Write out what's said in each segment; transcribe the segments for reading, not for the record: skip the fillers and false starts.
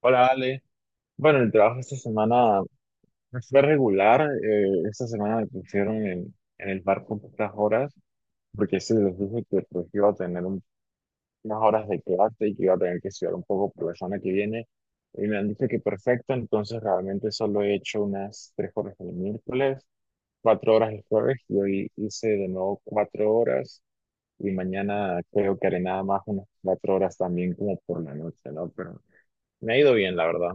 Hola Ale. Bueno, el trabajo esta semana fue regular. Esta semana me pusieron en el bar con pocas horas, porque sí les dije que pues, iba a tener unas horas de clase y que iba a tener que estudiar un poco por la semana que viene. Y me han dicho que perfecto, entonces realmente solo he hecho unas 3 horas el miércoles, 4 horas el jueves, y hoy hice de nuevo 4 horas. Y mañana creo que haré nada más unas 4 horas también como por la noche, ¿no? Pero me ha ido bien, la verdad.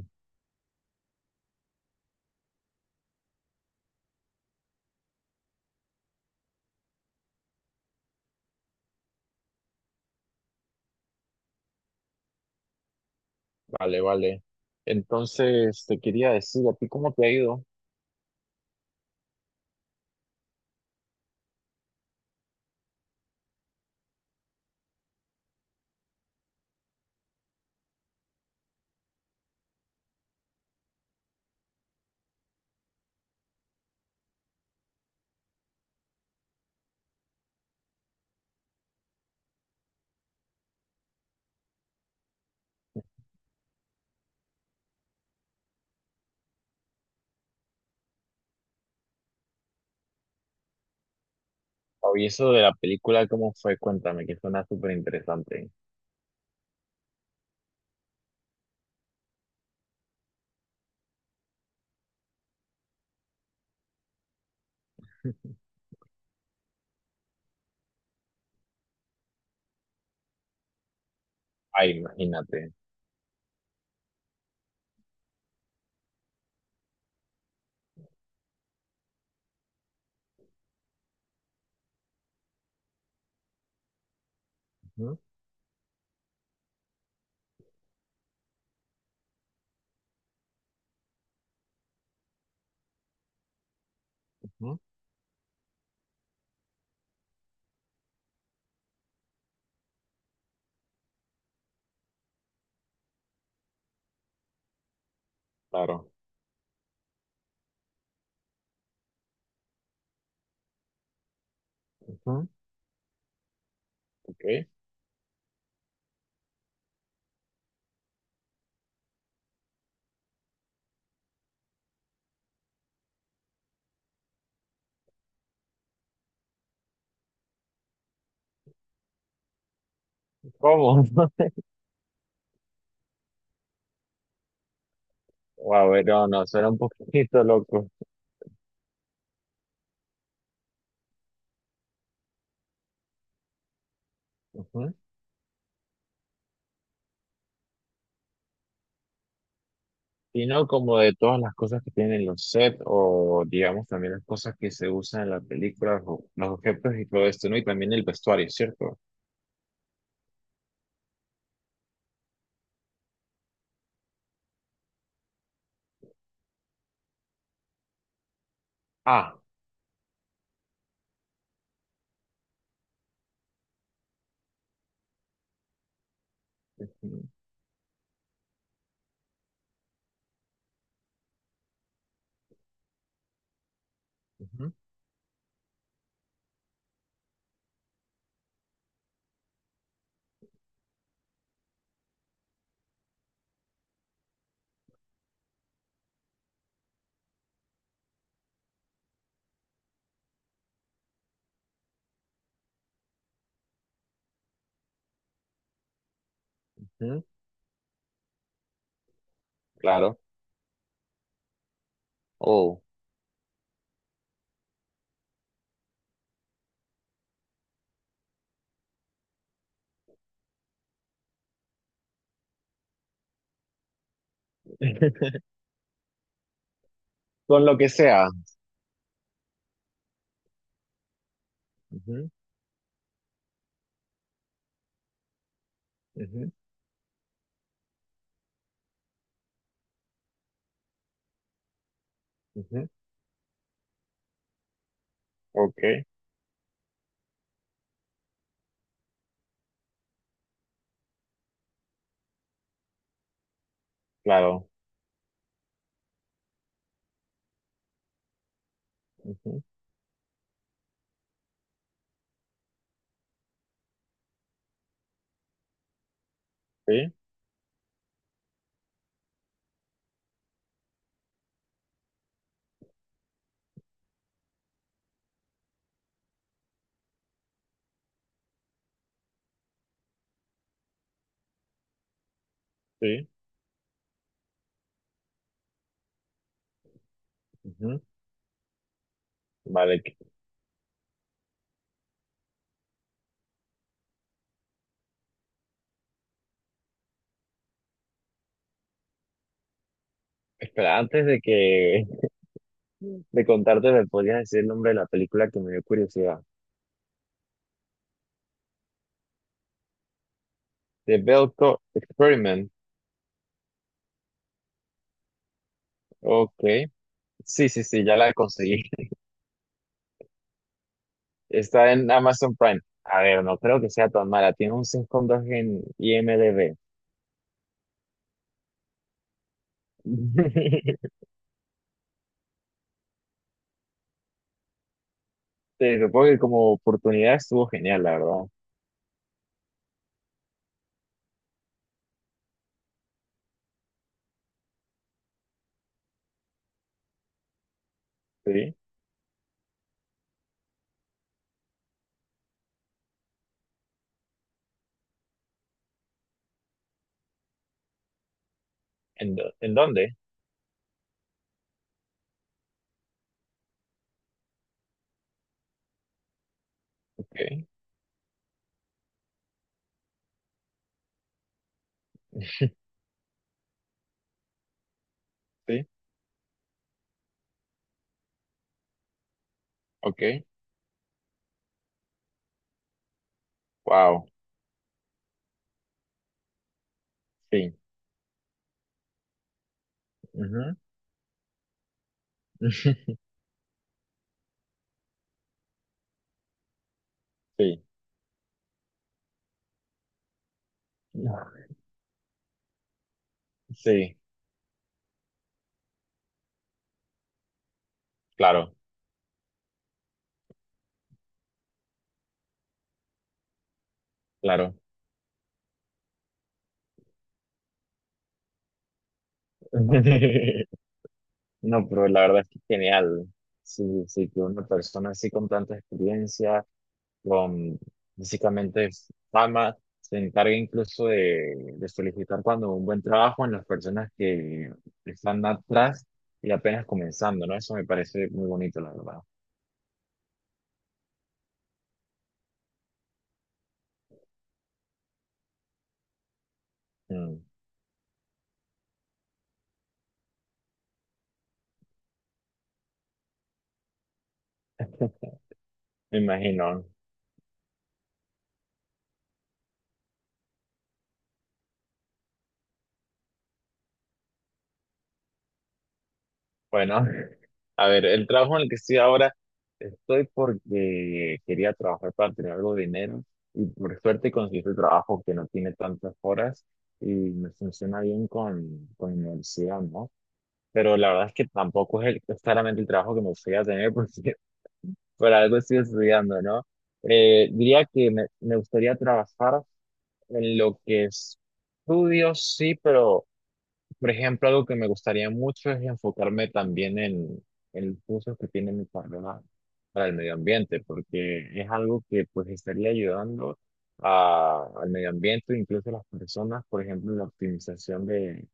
Vale, vale. Entonces, te quería decir, ¿a ti cómo te ha ido? Oye, eso de la película, ¿cómo fue? Cuéntame, que suena súper interesante. Ay, imagínate. Ujú, ujú. Claro. Ujú, ok. ¿Cómo? A ver, no, no, suena un poquito loco. Ujú. Y no como de todas las cosas que tienen los sets o, digamos, también las cosas que se usan en la película, o los objetos y todo esto, ¿no? Y también el vestuario, ¿cierto? Ah. Ujú, ujú, ujú. Claro. Oh. Con lo que sea. Ujú, ujú, ujú. Ok, claro. Ujú. Sí, sí. Ujú. Vale, espera, antes de que de contarte, ¿me podrías decir el nombre de la película que me dio curiosidad? The Belko Experiment. Ok. Sí, sí, sí, ya la conseguí. Está en Amazon Prime. A ver, no creo que sea tan mala. Tiene un 5,2 en IMDb. Te supongo que como oportunidad estuvo genial, la verdad. Sí. ¿En, en dónde? Ok. Sí, ok. Wow. Sí. Ujú. Sí. No. Sí, claro, claro. No, pero la verdad es que es genial. Sí, sí, que una persona así con tanta experiencia, con básicamente fama, se encargue incluso de solicitar cuando un buen trabajo en las personas que están atrás y apenas comenzando, ¿no? Eso me parece muy bonito, la verdad. Mm, me imagino. Bueno, a ver, el trabajo en el que estoy ahora, estoy porque quería trabajar para tener algo de dinero y por suerte conseguí este trabajo que no tiene tantas horas y me funciona bien con mi universidad, ¿no? Pero la verdad es que tampoco es claramente el trabajo que me gustaría tener porque por algo estoy estudiando, ¿no? Diría que me gustaría trabajar en lo que estudio, sí, pero... Por ejemplo, algo que me gustaría mucho es enfocarme también en los usos que tiene mi carrera para el medio ambiente, porque es algo que pues estaría ayudando al medio ambiente, incluso a las personas, por ejemplo, en la optimización de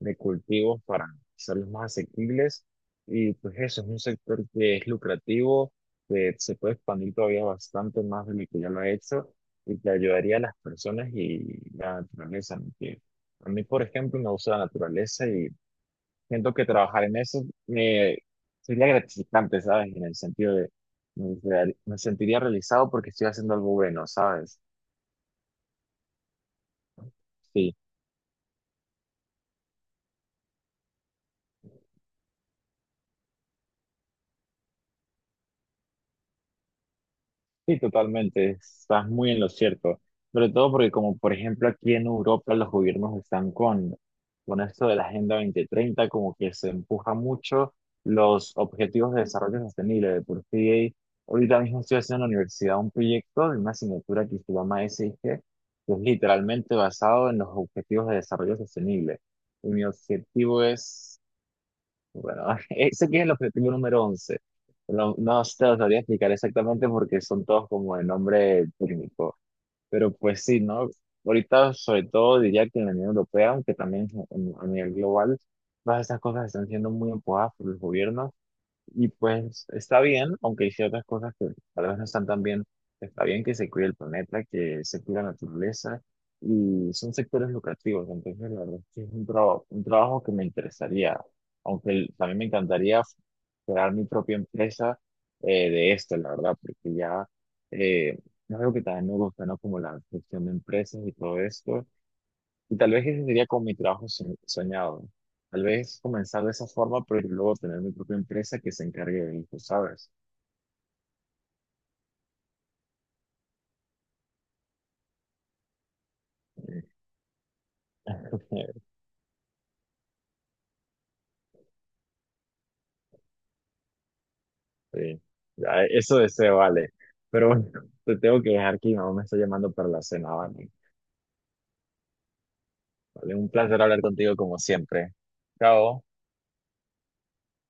de cultivos para hacerlos más asequibles. Y pues eso es un sector que es lucrativo, que se puede expandir todavía bastante más de lo que ya lo ha hecho y que ayudaría a las personas y la naturaleza, ¿no? Que a mí, por ejemplo, me gusta la naturaleza y siento que trabajar en eso me sería gratificante, ¿sabes? En el sentido de me, me sentiría realizado porque estoy haciendo algo bueno, ¿sabes? Sí. Sí, totalmente, estás muy en lo cierto. Sobre todo porque como por ejemplo aquí en Europa los gobiernos están con esto de la Agenda 2030, como que se empuja mucho los objetivos de desarrollo sostenible. De por sí, ahorita mismo estoy haciendo en la universidad un proyecto de una asignatura que se llama SIG, que es literalmente basado en los objetivos de desarrollo sostenible. Y mi objetivo es bueno, ese que es el objetivo número 11. No, no te lo sabría explicar exactamente porque son todos como de nombre técnico. Pero pues sí, ¿no? Ahorita, sobre todo, diría que en la Unión Europea, aunque también a nivel global, todas estas cosas están siendo muy empujadas por los gobiernos y pues está bien, aunque hay ciertas cosas que tal vez no están tan bien, está bien que se cuide el planeta, que se cuide la naturaleza y son sectores lucrativos, entonces la verdad es que es un trabajo que me interesaría, aunque también me encantaría crear mi propia empresa de esto, la verdad, porque ya eh, es algo que también me gusta, ¿no? Como la gestión de empresas y todo esto. Y tal vez ese sería como mi trabajo soñado. Tal vez comenzar de esa forma, pero luego tener mi propia empresa que se encargue de eso, ¿sabes? Sí. Ya, eso deseo, vale. Pero bueno, te tengo que dejar que mi mamá me está llamando para la cena, ¿vale? Vale, un placer hablar contigo como siempre. Chao.